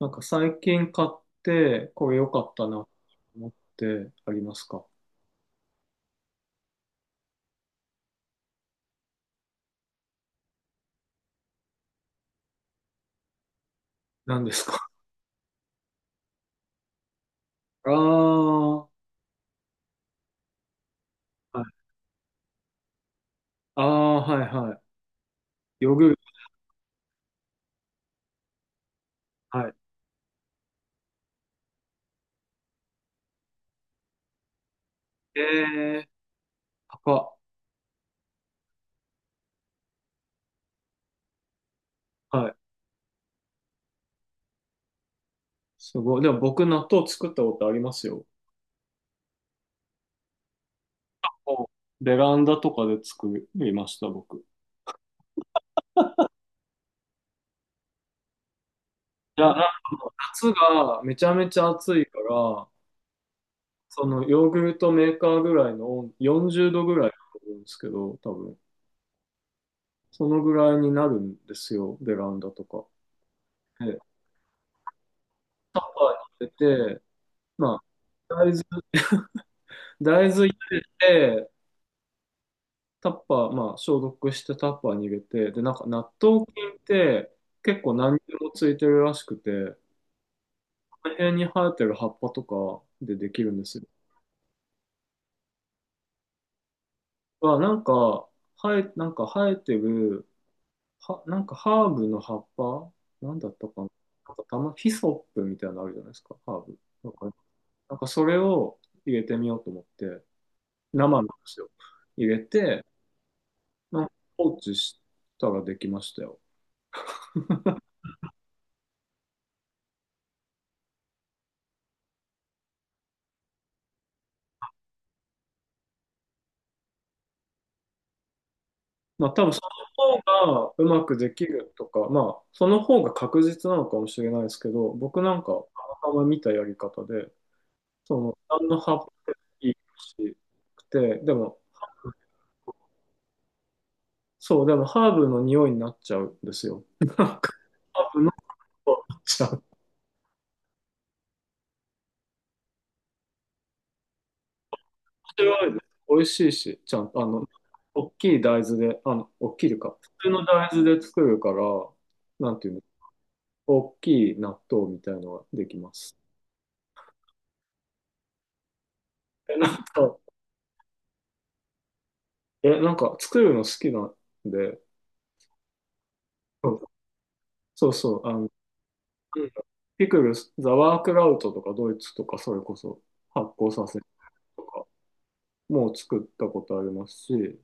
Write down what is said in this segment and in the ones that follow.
なんか最近買って、これ良かったなと思ってありますか？何ですか？ ああ、はい。ああ、はいはい。ヨーグルト。はい。ええー、高っ。はい。すごい。でも僕納豆作ったことありますよ。おベランダとかで作りました、僕。いや、夏がめちゃめちゃ暑いから、そのヨーグルトメーカーぐらいの温40度ぐらいだと思うんですけど、多分。そのぐらいになるんですよ、ベランダとか。で、はい、入れて、まあ、大豆、大豆入れて、タッパー、まあ、消毒してタッパーに入れて、で、なんか納豆菌って結構何にでもついてるらしくて、この辺に生えてる葉っぱとかでできるんですよ。は、なんか、なんか生えてる、は、なんかハーブの葉っぱなんだったかな。なんかたま、ヒソップみたいなのあるじゃないですか、ハーブ。なんかそれを入れてみようと思って、生のんですよ。入れて、なんか放置したらできましたよ。まあ多分その方がうまくできるとか、まあその方が確実なのかもしれないですけど、僕なんかたまたま見たやり方で、その何の葉っぱでもいいしくて、でも、そう、でもハーブの匂いになっちゃうんですよ。なんかハーブの匂いになっちゃう。面白いです。美味しいし、ちゃんと、あの、大きい大豆で、あの、大きいか、普通の大豆で作るから、なんていうの、大きい納豆みたいのができます。え、なんか、作るの好きなんで、そうそうそう、あの、うん、ピクルス、ザワークラウトとかドイツとかそれこそ発酵させるとかもう作ったことありますし、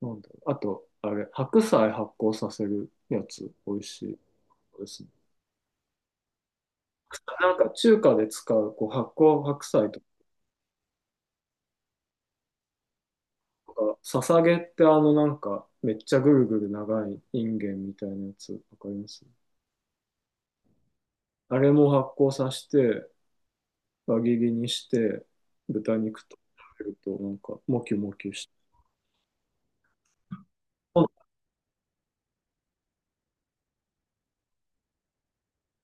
なんだろう、あと、あれ、白菜発酵させるやつ、美味しいですね。なんか中華で使う、こう発酵白菜とか、ささげってあのなんかめっちゃぐるぐる長いインゲンみたいなやつ、わかります？あれも発酵させて、輪切りにして、豚肉と食べると、なんか、もきもきして。あ、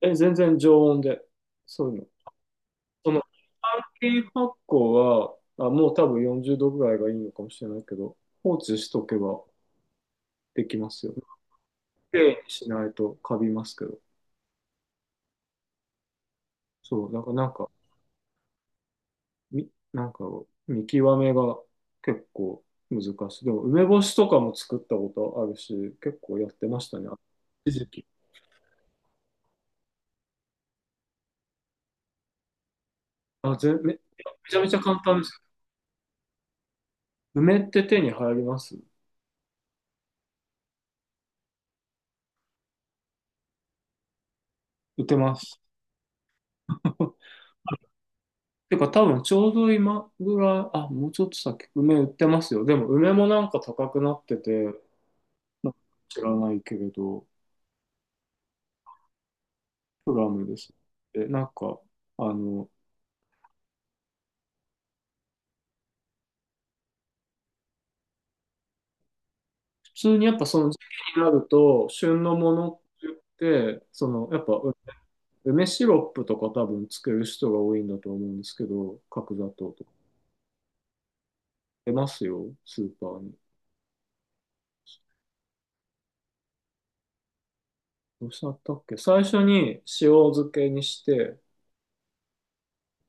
え、全然常温で。そういうの。その、先発酵は、あ、もう多分40度ぐらいがいいのかもしれないけど、放置しとけばできますよ。きれいにしないとカビますけど。そう、だからなんか、なんか、見極めが結構難しい。でも、梅干しとかも作ったことあるし、結構やってましたね。一時期。めちゃめちゃ簡単です。梅って手に入ります？売ってます。てか多分ちょうど今ぐらい、あ、もうちょっと先、梅売ってますよ。でも梅もなんか高くなってて、なんか知らないけれど、プラムです。で、なんか、あの、普通にやっぱその時期になると、旬のものって言って、その、やっぱう、梅シロップとか多分つける人が多いんだと思うんですけど、角砂糖とか。出ますよ、スーパーに。どうしたったっけ、最初に塩漬けにして、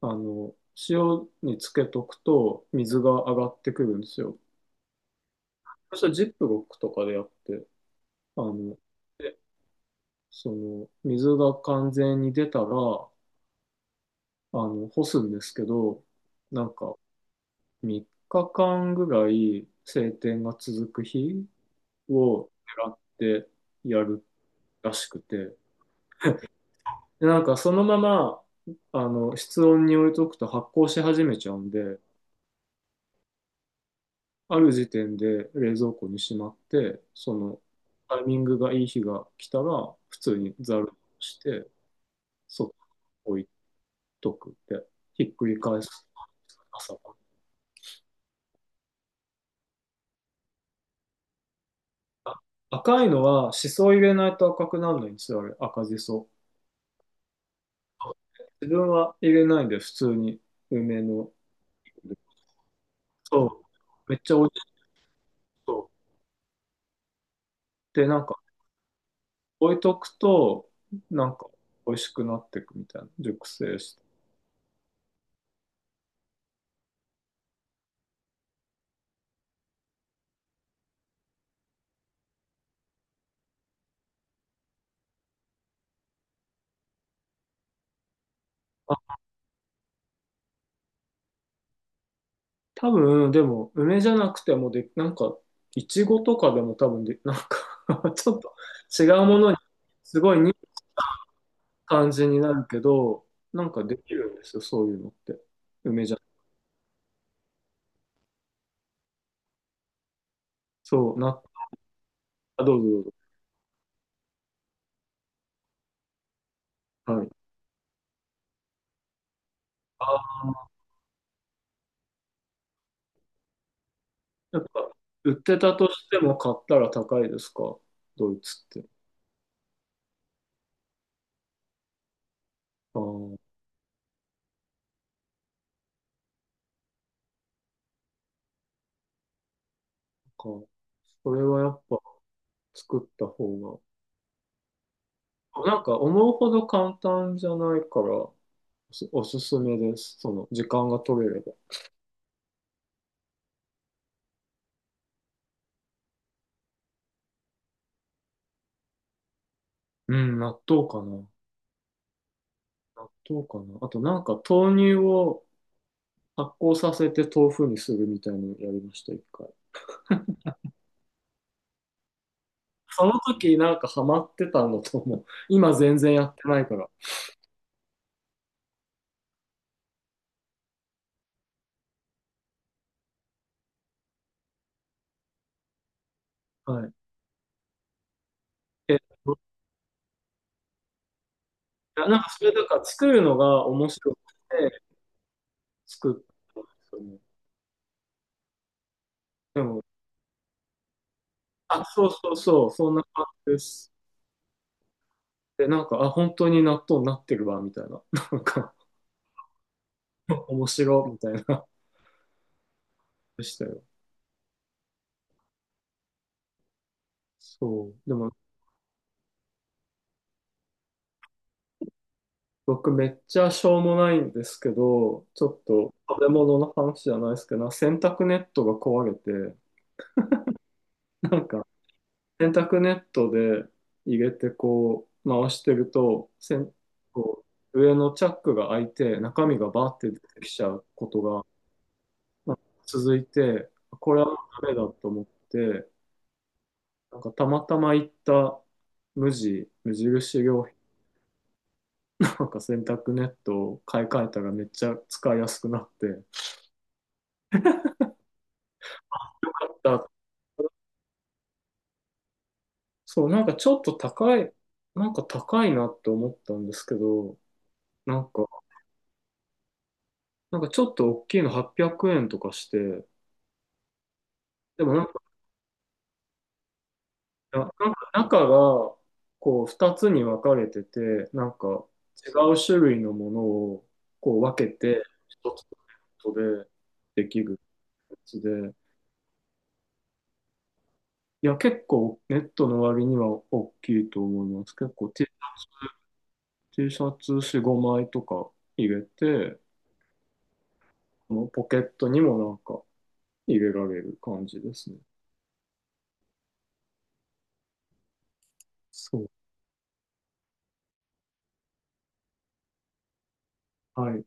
あの、塩につけとくと水が上がってくるんですよ。そしたらジップロックとかでやって、あの、でその、水が完全に出たら、あの、干すんですけど、なんか3日間ぐらい晴天が続く日を狙ってやるらしくて、で、なんかそのまま、あの、室温に置いとくと発酵し始めちゃうんで、ある時点で冷蔵庫にしまって、そのタイミングがいい日が来たら、普通にざるして、そっと置いとく、で、ひっくり返す、朝から。赤いのは、しそ入れないと赤くならないんですよ、あれ、赤じそ。自分は入れないんで、普通に梅の。そう、めっちゃ美味しそう。で、なんか、置いとくと、なんか、美味しくなっていくみたいな、熟成して。多分、でも、梅じゃなくてもで、なんか、いちごとかでも多分で、なんか、 ちょっと違うものに、すごい似た感じになるけど、なんかできるんですよ、そういうのって。梅じゃ、そう、な、あ、どうぞどうぞ。はい。ああ、やっぱ、売ってたとしても買ったら高いですか、ドイツって。ああ、なんか、それはやっぱ作った方が、なんか思うほど簡単じゃないから、おすすめです。その、時間が取れれば。うん、納豆かな。納豆かな。あとなんか豆乳を発酵させて豆腐にするみたいなのやりました、一回。その時なんかハマってたのとも、今全然やってないから。はい。えっと、いやなんかそれだから作るのが面白くて作ったんですよね。でも、あ、そうそうそう、そんな感じです。で、なんか、あ、本当に納豆になってるわ、みたいな。なんか、面白いみたいな、でしたよ。そう。でも僕めっちゃしょうもないんですけど、ちょっと食べ物の話じゃないですけど、洗濯ネットが壊れて、なんか洗濯ネットで入れてこう回してると、せんこう上のチャックが開いて中身がバーって出てきちゃうことがなんか続いて、これはダメだと思って、なんかたまたま行った無印良品、なんか洗濯ネットを買い替えたらめっちゃ使いやすくなって、買った。そう、なんかちょっと高い、なんか高いなって思ったんですけど、なんか、なんかちょっと大きいの800円とかして、でもなんか、なんか中が、こう、2つに分かれてて、なんか、違う種類のものを、こう、分けて、一つのネットでできるやつで、いや、結構、ネットの割には大きいと思います。結構 T シャツ4、5枚とか入れて、このポケットにもなんか、入れられる感じですね。そう。はい。